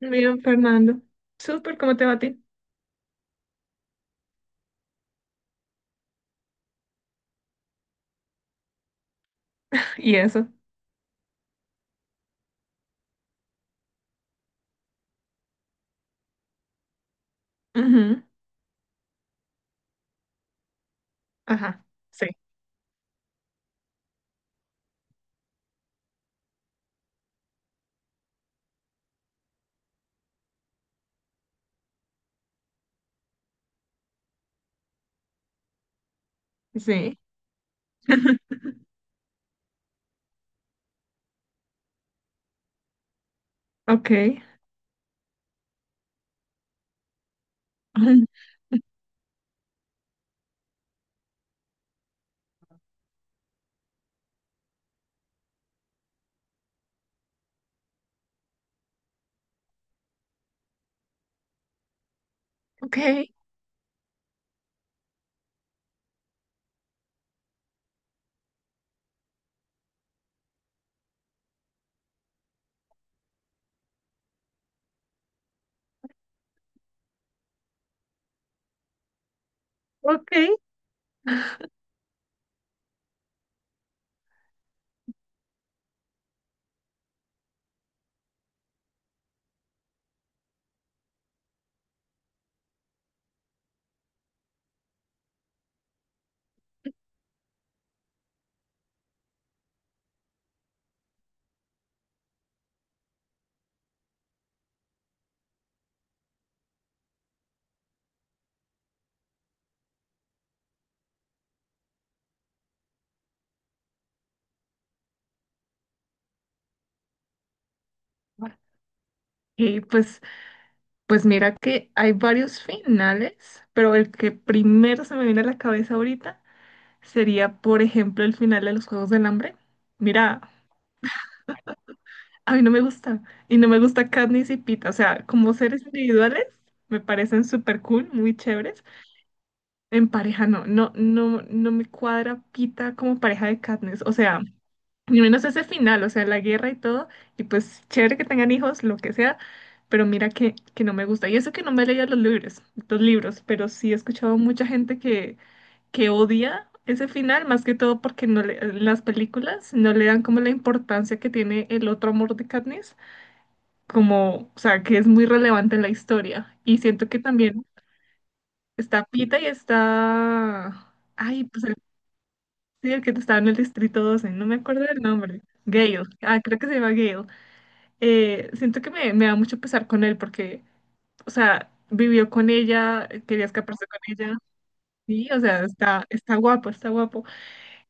Bien, Fernando. Súper, ¿cómo te va a ti? Y eso. Ujú. Ajá. Sí. Sí. Ok. Ujú. Ok. Ok. Y pues mira que hay varios finales, pero el que primero se me viene a la cabeza ahorita sería, por ejemplo, el final de los Juegos del Hambre. Mira, a mí no me gusta. Y no me gusta Katniss y Pita. O sea, como seres individuales, me parecen súper cool, muy chéveres. En pareja no, no, no, no me cuadra Pita como pareja de Katniss, o sea, ni menos ese final, o sea, la guerra y todo, y pues chévere que tengan hijos, lo que sea, pero mira que no me gusta. Y eso que no me he leído los libros, pero sí he escuchado mucha gente que odia ese final, más que todo porque no le- en las películas no le dan como la importancia que tiene el otro amor de Katniss, como, o sea, que es muy relevante en la historia. Y siento que también está Pita y está. Ay, pues sí, el que estaba en el distrito 12, no me acuerdo del nombre. Gale, ah, creo que se llama Gale. Siento que me da mucho pesar con él porque, o sea, vivió con ella, quería escaparse con ella. Sí, o sea, está guapo, está guapo.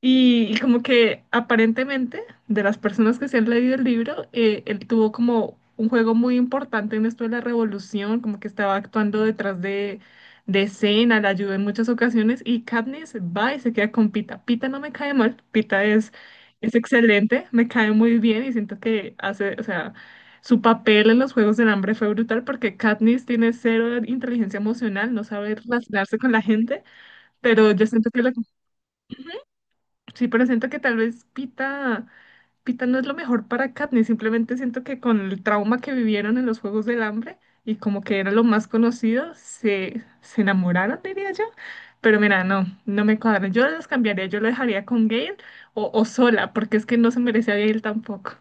Y como que aparentemente, de las personas que se han leído el libro, él tuvo como un juego muy importante en esto de la revolución, como que estaba actuando detrás de escena, la ayudó en muchas ocasiones y Katniss va y se queda con Pita. Pita no me cae mal, Pita es excelente, me cae muy bien y siento que hace, o sea, su papel en los Juegos del Hambre fue brutal porque Katniss tiene cero inteligencia emocional, no sabe relacionarse con la gente, pero yo siento que lo. Sí, pero siento que tal vez Pita no es lo mejor para Katniss, simplemente siento que con el trauma que vivieron en los Juegos del Hambre y como que era lo más conocido, se enamoraron, diría yo. Pero mira, no, no me cuadran. Yo los cambiaría, yo lo dejaría con Gale o sola, porque es que no se merece a Gale tampoco.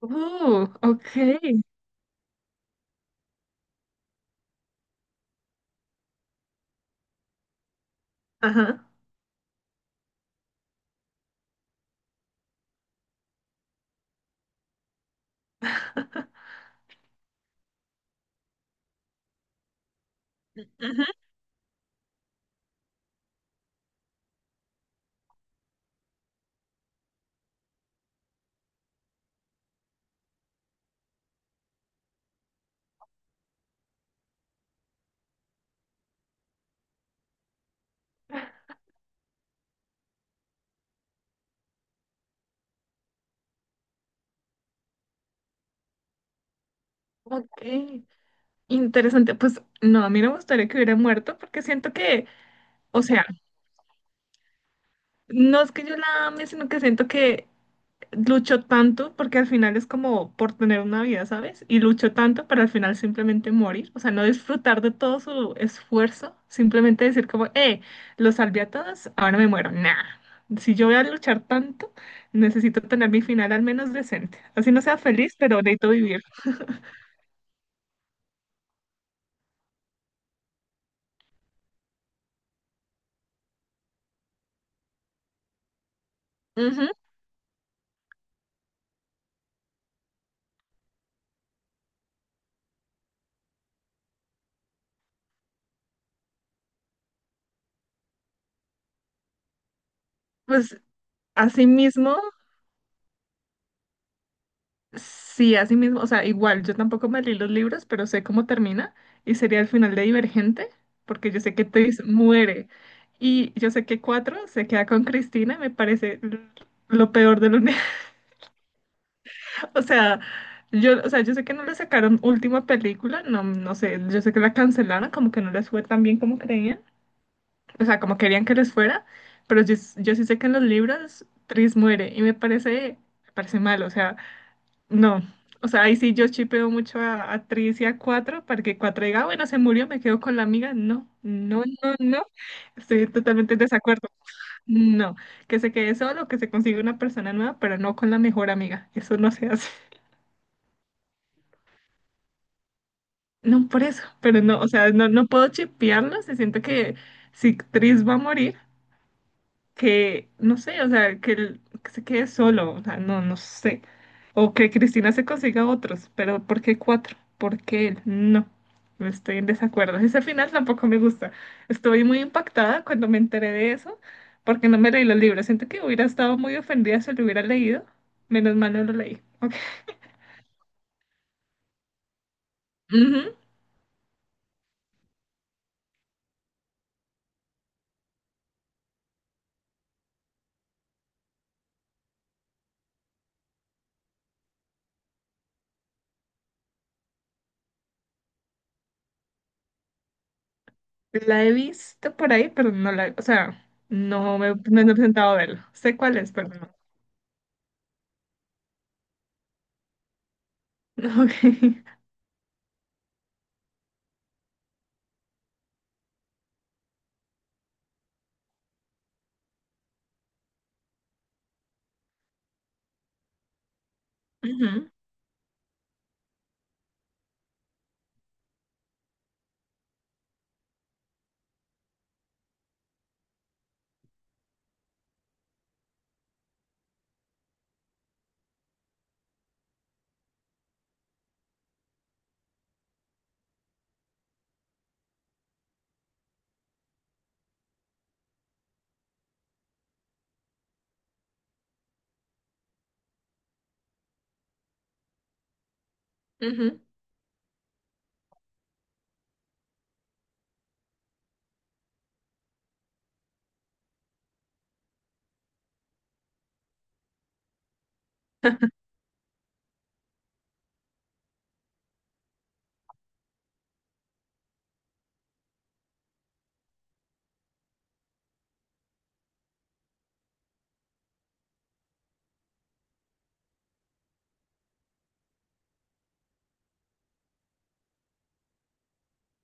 Ok. Ajá. Ujú. Ok, interesante. Pues no, a mí no me gustaría que hubiera muerto porque siento que, o sea, no es que yo la ame, sino que siento que luchó tanto, porque al final es como por tener una vida, ¿sabes? Y luchó tanto para al final simplemente morir, o sea, no disfrutar de todo su esfuerzo, simplemente decir como, los salvé a todos, ahora me muero. Nah, si yo voy a luchar tanto, necesito tener mi final al menos decente. Así no sea feliz, pero necesito vivir. Ujú. Pues así mismo. Sí, así mismo, o sea, igual, yo tampoco me leí los libros, pero sé cómo termina y sería el final de Divergente, porque yo sé que Tess muere y yo sé que Cuatro se queda con Cristina, me parece lo peor del universo. O sea, yo, o sea, yo sé que no le sacaron última película, no, no sé, yo sé que la cancelaron, como que no les fue tan bien como creían, o sea, como querían que les fuera, pero yo sí sé que en los libros Tris muere y me parece mal, o sea. No, o sea, ahí sí yo chipeo mucho a Tris y a Cuatro para que Cuatro diga: "Ah, bueno, se murió, me quedo con la amiga." No, no, no, no. Estoy totalmente en desacuerdo. No, que se quede solo, que se consiga una persona nueva, pero no con la mejor amiga. Eso no se hace. No, por eso, pero no, o sea, no, no puedo chipearlo, se siento que si Tris va a morir. Que, no sé, o sea, que, que se quede solo, o sea, no, no sé. O que Cristina se consiga otros, pero ¿por qué cuatro? ¿Por qué él? No, estoy en desacuerdo. Ese final tampoco me gusta. Estoy muy impactada cuando me enteré de eso, porque no me leí los libros. Siento que hubiera estado muy ofendida si lo hubiera leído. Menos mal no lo leí. Ok. Ujú. La he visto por ahí, pero no la, o sea, no me he sentado a verlo. Sé cuál es, pero no. Ok. Ujú, ujú.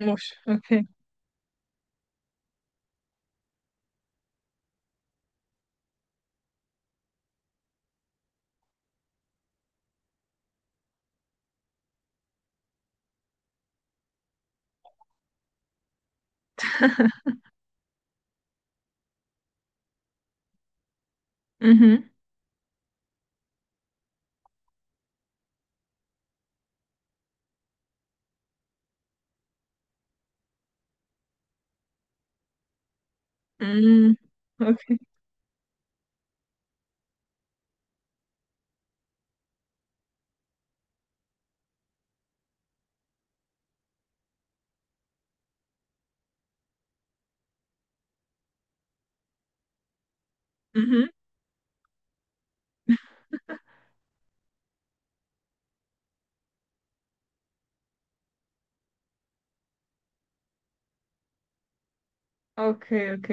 Ush, ok. Ujú. Mm, ok. Ujú. Ok, ok.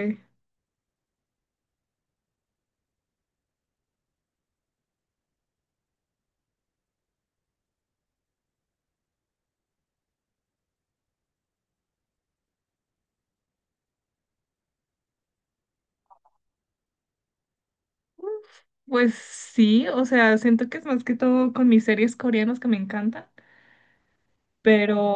Pues sí, o sea, siento que es más que todo con mis series coreanas que me encantan, pero,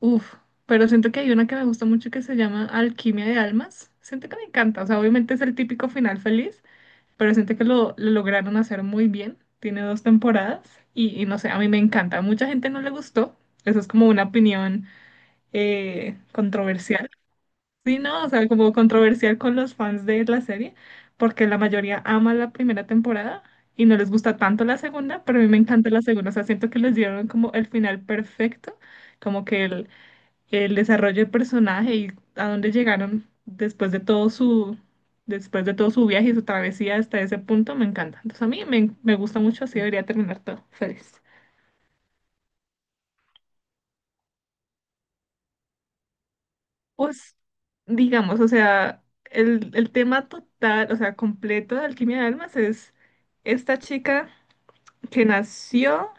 uff, pero siento que hay una que me gusta mucho que se llama Alquimia de Almas. Siento que me encanta, o sea, obviamente es el típico final feliz, pero siento que lo lograron hacer muy bien. Tiene dos temporadas y no sé, a mí me encanta. A mucha gente no le gustó, eso es como una opinión controversial. Sí, no, o sea, como controversial con los fans de la serie, porque la mayoría ama la primera temporada y no les gusta tanto la segunda, pero a mí me encanta la segunda, o sea, siento que les dieron como el final perfecto, como que el desarrollo del personaje y a dónde llegaron después de todo su viaje y su travesía hasta ese punto, me encanta. Entonces a mí me gusta mucho, así debería terminar todo. Feliz. Pues, digamos, o sea, el tema total, o sea, completo de Alquimia de Almas es esta chica que nació,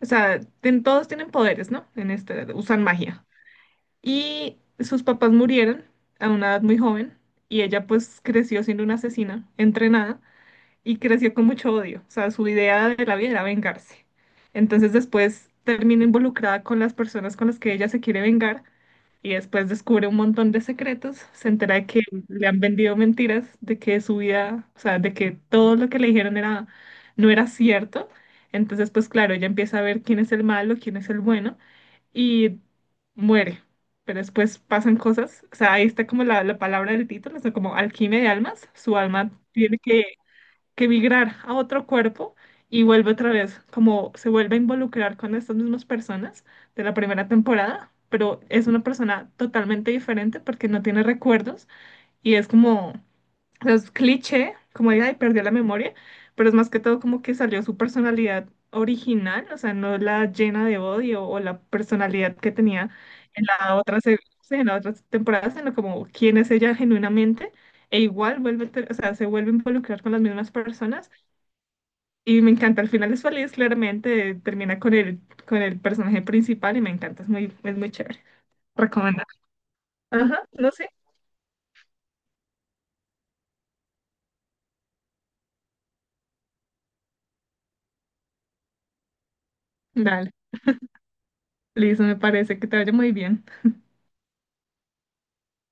o sea, todos tienen poderes, ¿no? En este, usan magia. Y sus papás murieron a una edad muy joven y ella pues creció siendo una asesina entrenada y creció con mucho odio. O sea, su idea de la vida era vengarse. Entonces después termina involucrada con las personas con las que ella se quiere vengar y después descubre un montón de secretos. Se entera de que le han vendido mentiras, de que su vida, o sea, de que todo lo que le dijeron era, no era cierto. Entonces, pues claro, ella empieza a ver quién es el malo, quién es el bueno y muere. Pero después pasan cosas, o sea, ahí está como la palabra del título, o sea, como alquimia de almas, su alma tiene que migrar a otro cuerpo y vuelve otra vez, como se vuelve a involucrar con estas mismas personas de la primera temporada, pero es una persona totalmente diferente porque no tiene recuerdos y es como, o sea, es cliché, como de, ay, perdió la memoria, pero es más que todo como que salió su personalidad original, o sea, no la llena de odio o la personalidad que tenía en la otra, sí, en la otra temporada, sino como quién es ella genuinamente e igual vuelve, o sea, se vuelve a involucrar con las mismas personas y me encanta, al final es feliz, claramente, termina con el personaje principal y me encanta, es muy chévere. Recomendar. Ajá, no sé. Dale, listo, me parece que te vaya muy bien.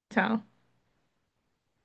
Chao.